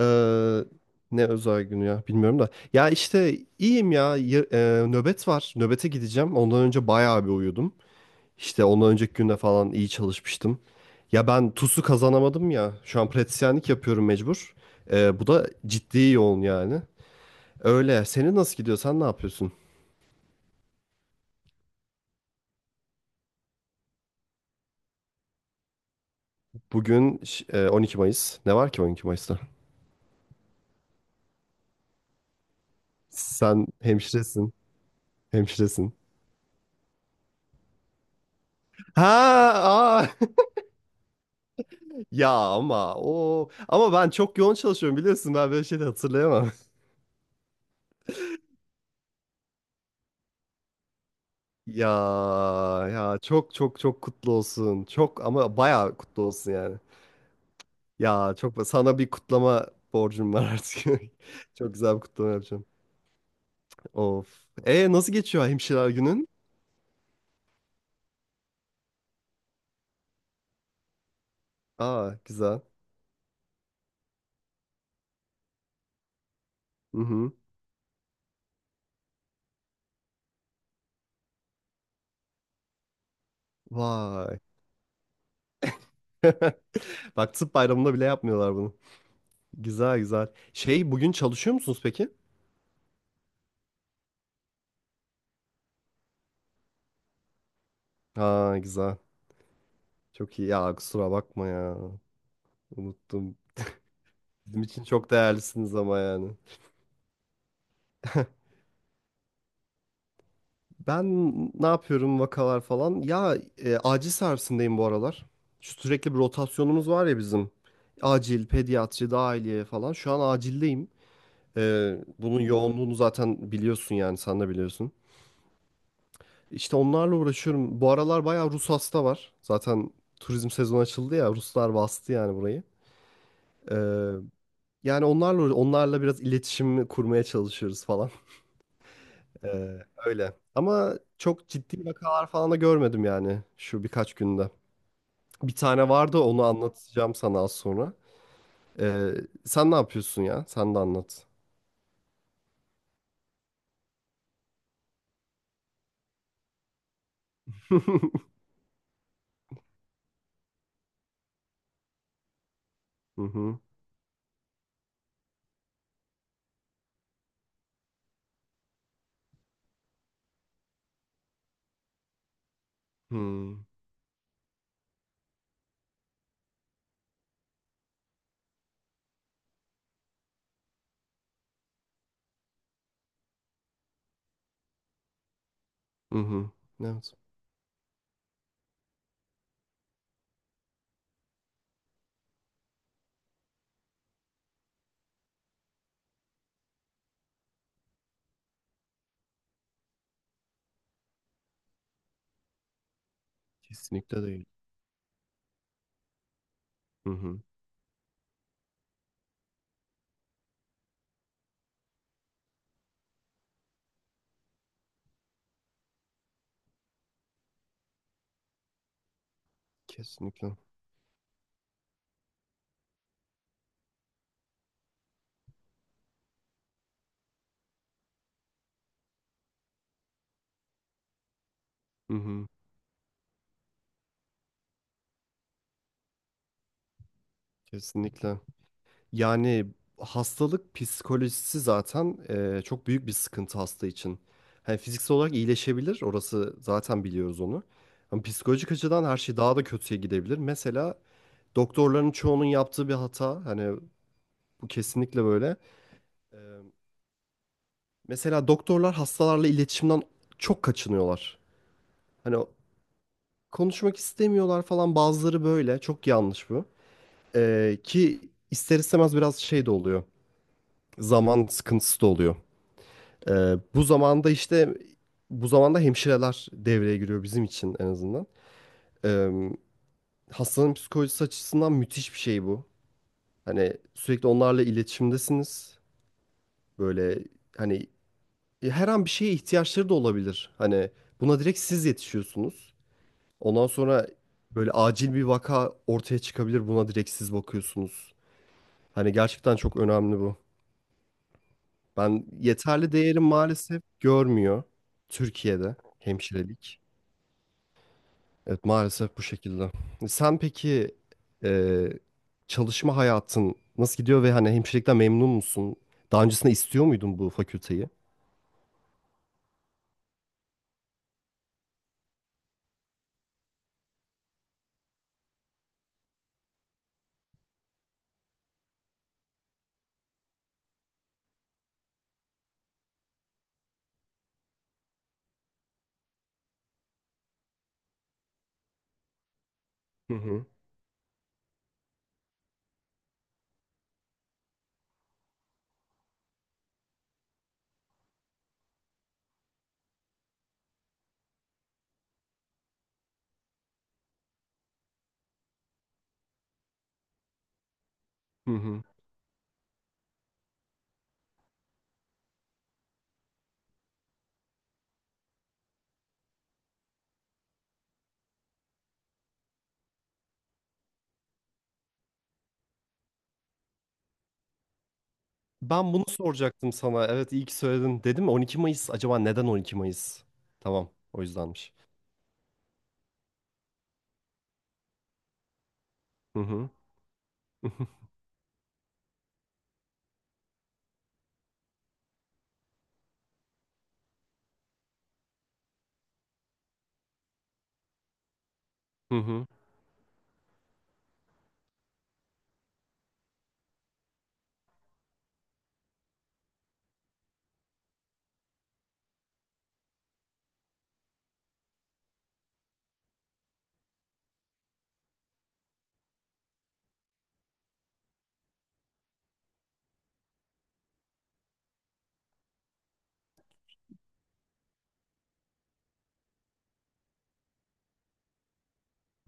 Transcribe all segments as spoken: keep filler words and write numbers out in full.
Eee, ne özel günü ya bilmiyorum da. Ya işte iyiyim ya. Y- eee, nöbet var. Nöbete gideceğim. Ondan önce bayağı bir uyudum. İşte ondan önceki günde falan iyi çalışmıştım. Ya ben T U S'u kazanamadım ya. Şu an pratisyenlik yapıyorum mecbur. Eee, bu da ciddi yoğun yani. Öyle. Senin nasıl gidiyor? Sen ne yapıyorsun? Bugün ş- eee, on iki Mayıs. Ne var ki on iki Mayıs'ta? Sen hemşiresin. Hemşiresin. Ha, aa. Ya ama o ama ben çok yoğun çalışıyorum biliyorsun ben böyle şey de hatırlayamam. Ya ya çok çok çok kutlu olsun. Çok ama bayağı kutlu olsun yani. Ya çok sana bir kutlama borcum var artık. Çok güzel bir kutlama yapacağım. Of. E nasıl geçiyor hemşireler günün? Aa güzel. Hı hı. Vay. Bak tıp bayramında bile yapmıyorlar bunu. Güzel güzel. Şey bugün çalışıyor musunuz peki? Ha güzel. Çok iyi. Ya kusura bakma ya. Unuttum. Bizim için çok değerlisiniz ama yani. Ben ne yapıyorum vakalar falan. Ya e, acil servisindeyim bu aralar. Şu sürekli bir rotasyonumuz var ya bizim. Acil, pediatri, dahiliye falan. Şu an acildeyim. E, bunun yoğunluğunu zaten biliyorsun yani sen de biliyorsun. İşte onlarla uğraşıyorum. Bu aralar bayağı Rus hasta var. Zaten turizm sezonu açıldı ya. Ruslar bastı yani burayı. E, yani onlarla onlarla biraz iletişim kurmaya çalışıyoruz falan. Ee, öyle. Ama çok ciddi vakalar falan da görmedim yani şu birkaç günde. Bir tane vardı onu anlatacağım sana az sonra. Ee, sen ne yapıyorsun ya? Sen de anlat. Hı hı. Hmm. Hı hı. Evet. Kesinlikle değil. Hı hı. Kesinlikle. Hı hı. Kesinlikle. Yani hastalık psikolojisi zaten e, çok büyük bir sıkıntı hasta için. Hani fiziksel olarak iyileşebilir, orası zaten biliyoruz onu. Ama psikolojik açıdan her şey daha da kötüye gidebilir. Mesela doktorların çoğunun yaptığı bir hata, hani bu kesinlikle böyle. E, mesela doktorlar hastalarla iletişimden çok kaçınıyorlar. Hani o- konuşmak istemiyorlar falan bazıları böyle, çok yanlış bu. E, ki ister istemez biraz şey de oluyor, zaman sıkıntısı da oluyor. Ee, bu zamanda işte bu zamanda hemşireler devreye giriyor bizim için en azından. Ee, hastanın psikolojisi açısından müthiş bir şey bu. Hani sürekli onlarla iletişimdesiniz. Böyle hani e, her an bir şeye ihtiyaçları da olabilir. Hani buna direkt siz yetişiyorsunuz. Ondan sonra böyle acil bir vaka ortaya çıkabilir. Buna direkt siz bakıyorsunuz. Hani gerçekten çok önemli bu. Ben yeterli değerim maalesef görmüyor Türkiye'de hemşirelik. Evet maalesef bu şekilde. Sen peki e, çalışma hayatın nasıl gidiyor ve hani hemşirelikten memnun musun? Daha öncesinde istiyor muydun bu fakülteyi? Hı hı. Hı hı. Ben bunu soracaktım sana. Evet iyi ki söyledin. Dedim mi on iki Mayıs? Acaba neden on iki Mayıs? Tamam, o yüzdenmiş. Hı hı. Hı hı.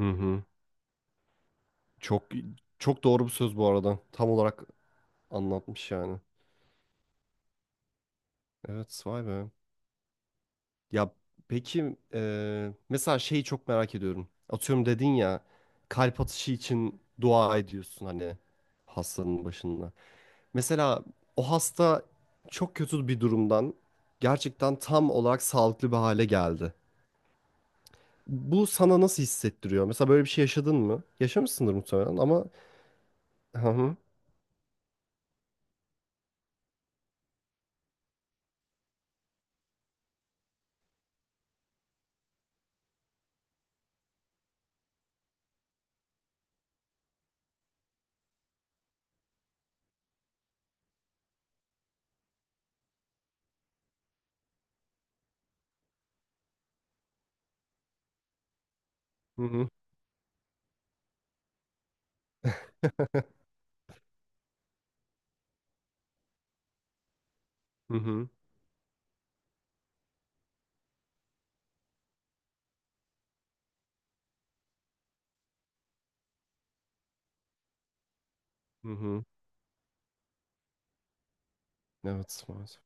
Hı hı. Çok çok doğru bir söz bu arada. Tam olarak anlatmış yani. Evet, vay be. Ya peki eee, mesela şeyi çok merak ediyorum. Atıyorum dedin ya kalp atışı için dua ediyorsun hani hastanın başında. Mesela o hasta çok kötü bir durumdan gerçekten tam olarak sağlıklı bir hale geldi. Bu sana nasıl hissettiriyor? Mesela böyle bir şey yaşadın mı? Yaşamışsındır muhtemelen ama hı hı, hı hı, hı hı, hı hı. Evet maalesef.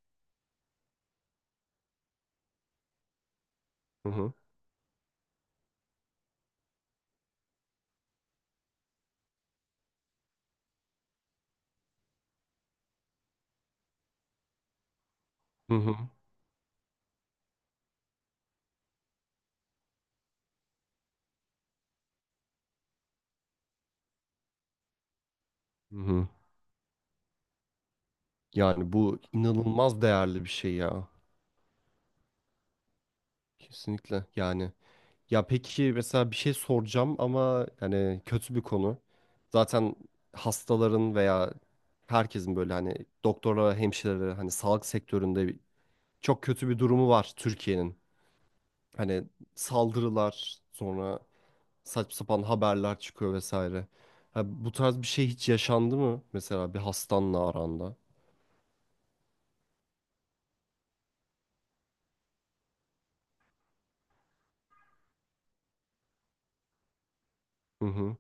Hı hı, hı hı, hı hı. Yani bu inanılmaz değerli bir şey ya. Kesinlikle yani. Ya peki mesela bir şey soracağım ama yani kötü bir konu. Zaten hastaların veya herkesin böyle hani doktorlara, hemşirelere hani sağlık sektöründe bir- çok kötü bir durumu var Türkiye'nin. Hani saldırılar sonra saçma sapan haberler çıkıyor vesaire. Ha, bu tarz bir şey hiç yaşandı mı mesela bir hastanla aranda? Hı hı,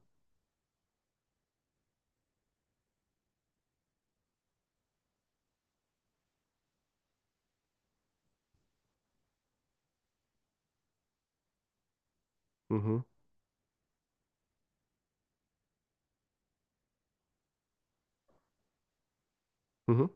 hı hı, hı hı.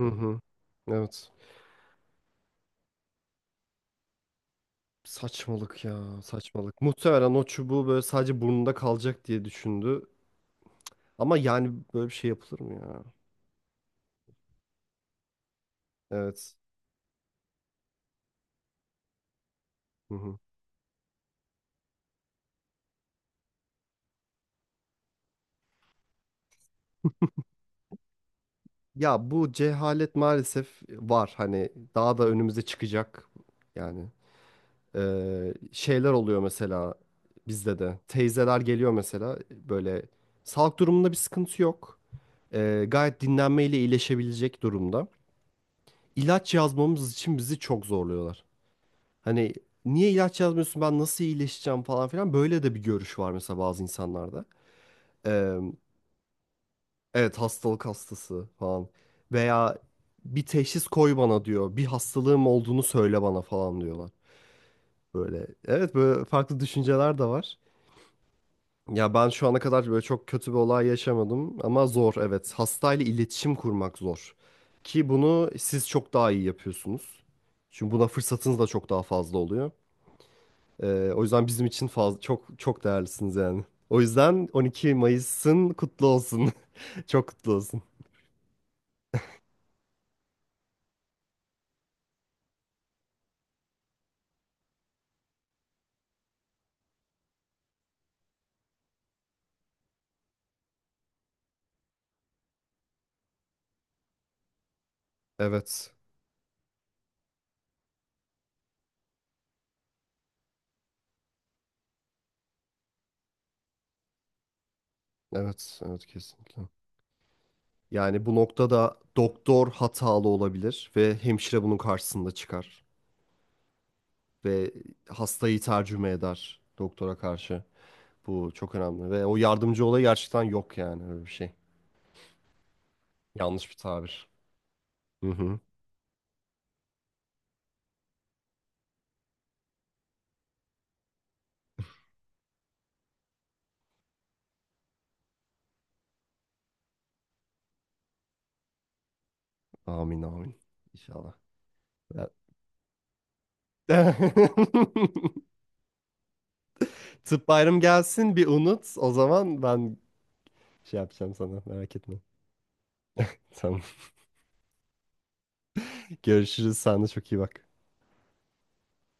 Hı hı. Evet. Saçmalık ya, saçmalık. Muhtemelen o çubuğu böyle sadece burnunda kalacak diye düşündü. Ama yani böyle bir şey yapılır mı ya? Evet. Hı hı. Ya bu cehalet maalesef var. Hani daha da önümüze çıkacak. Yani eee, şeyler oluyor mesela bizde de. Teyzeler geliyor mesela böyle sağlık durumunda bir sıkıntı yok. Eee, gayet dinlenmeyle iyileşebilecek durumda. İlaç yazmamız için bizi çok zorluyorlar. Hani niye ilaç yazmıyorsun ben nasıl iyileşeceğim falan filan böyle de bir görüş var mesela bazı insanlarda. Eee, Evet hastalık hastası falan. Veya bir teşhis koy bana diyor. Bir hastalığım olduğunu söyle bana falan diyorlar. Böyle evet böyle farklı düşünceler de var. Ya ben şu ana kadar böyle çok kötü bir olay yaşamadım ama zor evet. Hastayla iletişim kurmak zor. Ki bunu siz çok daha iyi yapıyorsunuz. Çünkü buna fırsatınız da çok daha fazla oluyor. Ee, o yüzden bizim için fazla, çok çok değerlisiniz yani. O yüzden on iki Mayıs'ın kutlu olsun. Çok kutlu olsun. Evet. Evet, evet kesinlikle. Yani bu noktada doktor hatalı olabilir ve hemşire bunun karşısında çıkar ve hastayı tercüme eder doktora karşı. Bu çok önemli ve o yardımcı olayı gerçekten yok yani öyle bir şey. Yanlış bir tabir. Hı hı. Amin amin. İnşallah. Ben- Tıp bayram gelsin bir unut. O zaman ben şey yapacağım sana merak etme. Tamam. Görüşürüz. Sen de çok iyi bak.